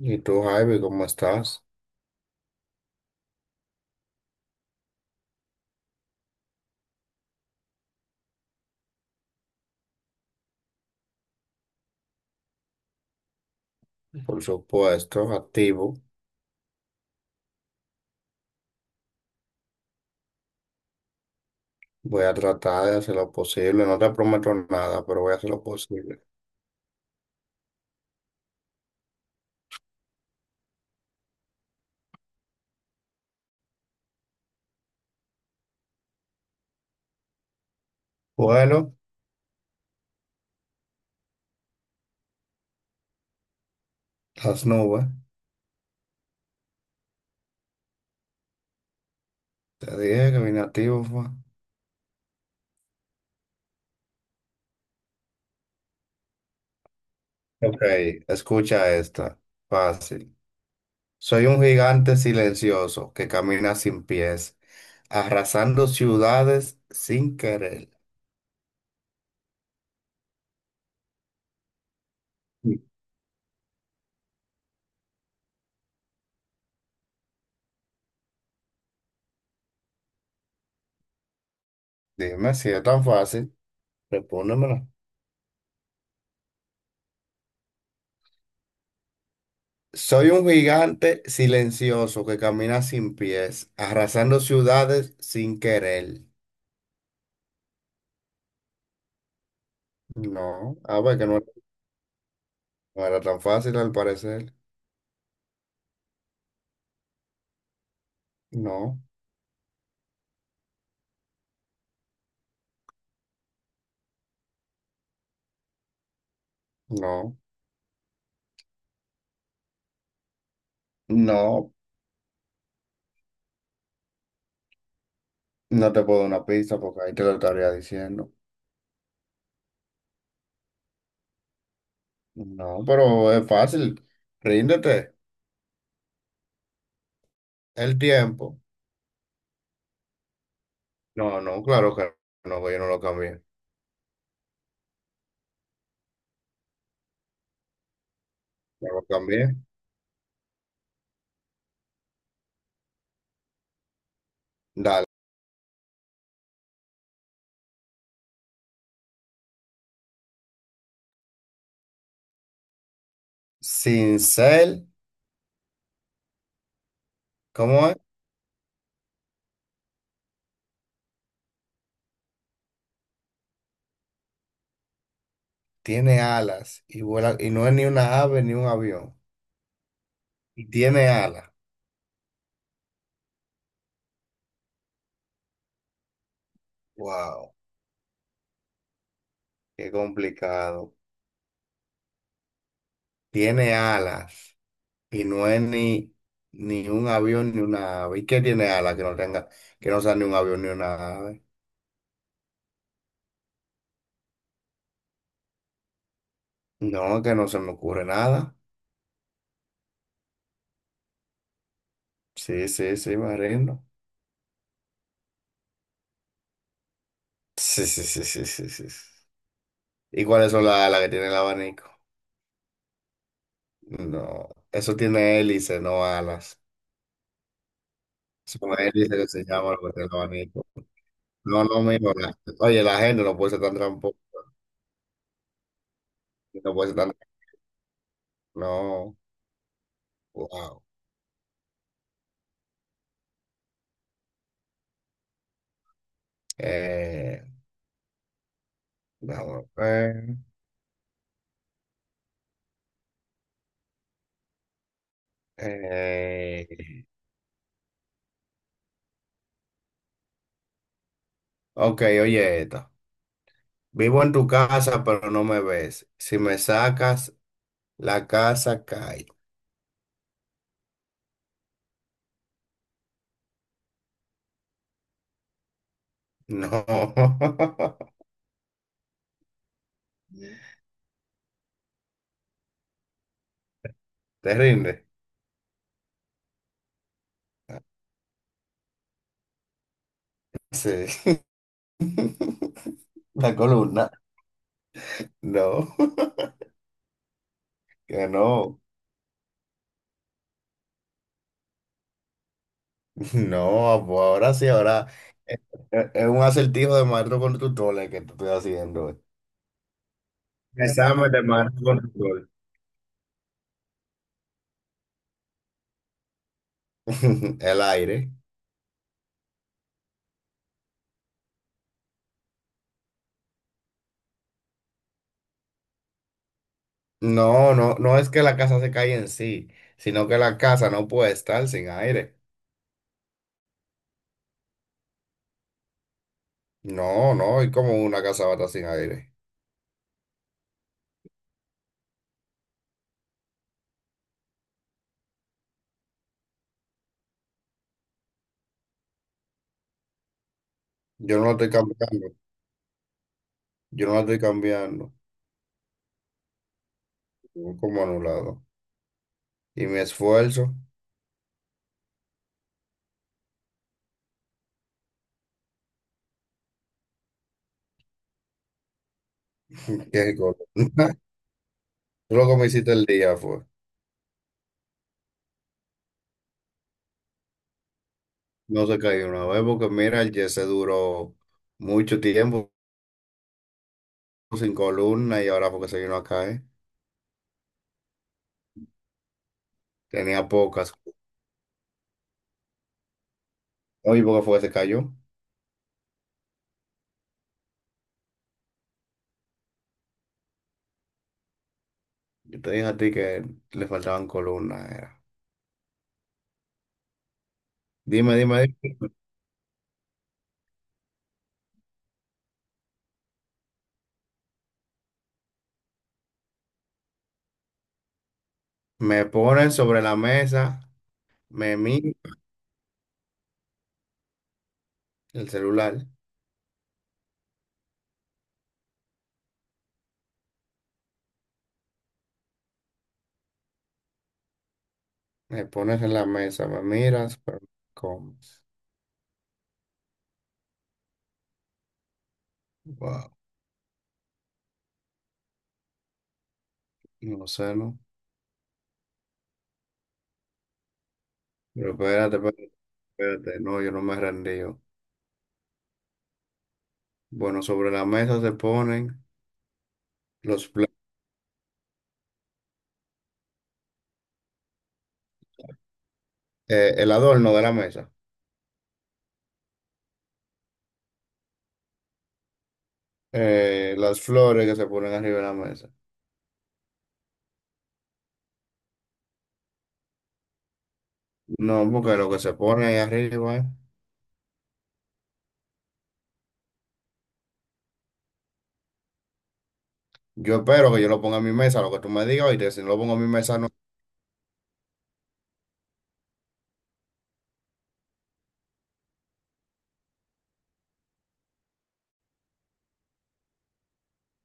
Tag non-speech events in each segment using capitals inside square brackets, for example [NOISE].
¿Y tú, Javi, cómo estás? Por supuesto, activo. Voy a tratar de hacer lo posible. No te prometo nada, pero voy a hacer lo posible. Bueno, las nubes. Te dije que vine activo, fue. Ok, escucha esta. Fácil. Soy un gigante silencioso que camina sin pies, arrasando ciudades sin querer. Dime si es tan fácil. Respóndemela. Soy un gigante silencioso que camina sin pies, arrasando ciudades sin querer. No, a ver, que no, no era tan fácil al parecer. No, no, no, no te puedo dar una pista porque ahí te lo estaría diciendo. No, pero es fácil. Ríndete. El tiempo. No, no, claro que no, que yo no lo cambié. No lo cambié. Dale. Sin ser, ¿cómo es? Tiene alas y vuela, y no es ni una ave ni un avión. Y tiene alas. Wow, qué complicado. Tiene alas y no es ni un avión ni una ave. ¿Y qué tiene alas que no tenga, que no sea ni un avión ni una ave? No, que no se me ocurre nada. Sí, sí, sí, me rindo. Sí, sí, sí, sí, sí, sí, sí. ¿Y cuáles son las alas que tiene el abanico? No, eso tiene hélice, no alas. Son hélices que se llama lo que tiene el abanico. No, no, mira, oye, la gente no puede ser tan tramposa, no puede ser tan... No, wow. Eh, vamos a ver. Eh, ok, oye esto. Vivo en tu casa, pero no me ves. Si me sacas, la casa cae. No. [LAUGHS] ¿Te rinde? Sí. La columna. No. [LAUGHS] Que no. No, pues ahora sí, ahora. Es es un acertijo de maestro con tutor el que te estoy haciendo. Examen de maestro con tutor. [LAUGHS] El aire. No, no, no es que la casa se caiga en sí, sino que la casa no puede estar sin aire. No, no, y como una casa va a estar sin aire. Yo no la estoy cambiando, yo no la estoy cambiando, estoy como anulado. Y mi esfuerzo, [LAUGHS] qué cosa. [LAUGHS] lo que me hiciste el día fue, no se cayó una vez, porque mira, el se duró mucho tiempo sin columna y ahora porque se vino a caer. Tenía pocas. Oye, ¿porque fue que se cayó? Yo te dije a ti que le faltaban columnas, era. Dime, dime, dime. Me ponen sobre la mesa, me miras el celular, me pones en la mesa, me miras, pero me comes. Wow, no sé, ¿no? Pero espérate, espérate, espérate, no, yo no me rendí. Bueno, sobre la mesa se ponen los pla- el adorno de la mesa, las flores que se ponen arriba de la mesa. No, porque lo que se pone ahí arriba, yo espero que yo lo ponga en mi mesa, lo que tú me digas, y si no lo pongo en mi mesa, no,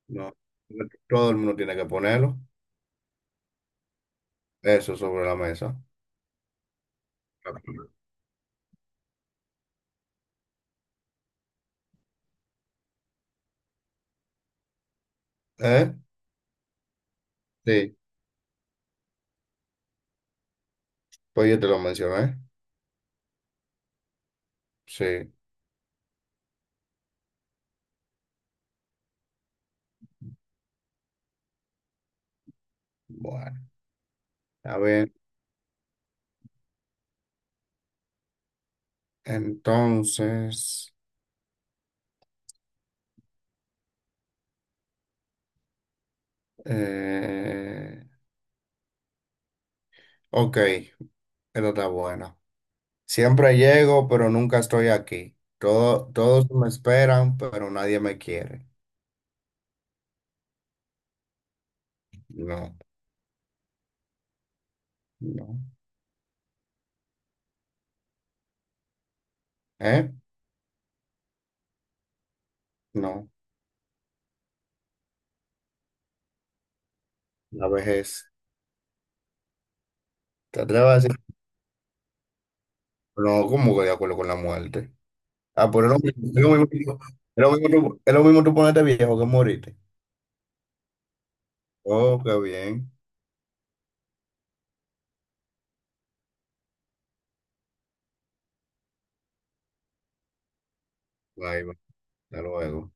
no, todo el mundo tiene que ponerlo, eso sobre la mesa. ¿Eh? Sí, pues yo te lo mencioné. Sí, bueno. A ver, entonces, eh, ok, esto está bueno. Siempre llego, pero nunca estoy aquí. Todo, todos me esperan, pero nadie me quiere. No, no. ¿Eh? No. La vejez. ¿Te atreves a decir? No, como que de acuerdo con la muerte? Ah, pero es lo mismo, es lo mismo, es lo mismo tú ponerte viejo que morirte. Oh, qué bien. Bye, bye. Hasta luego.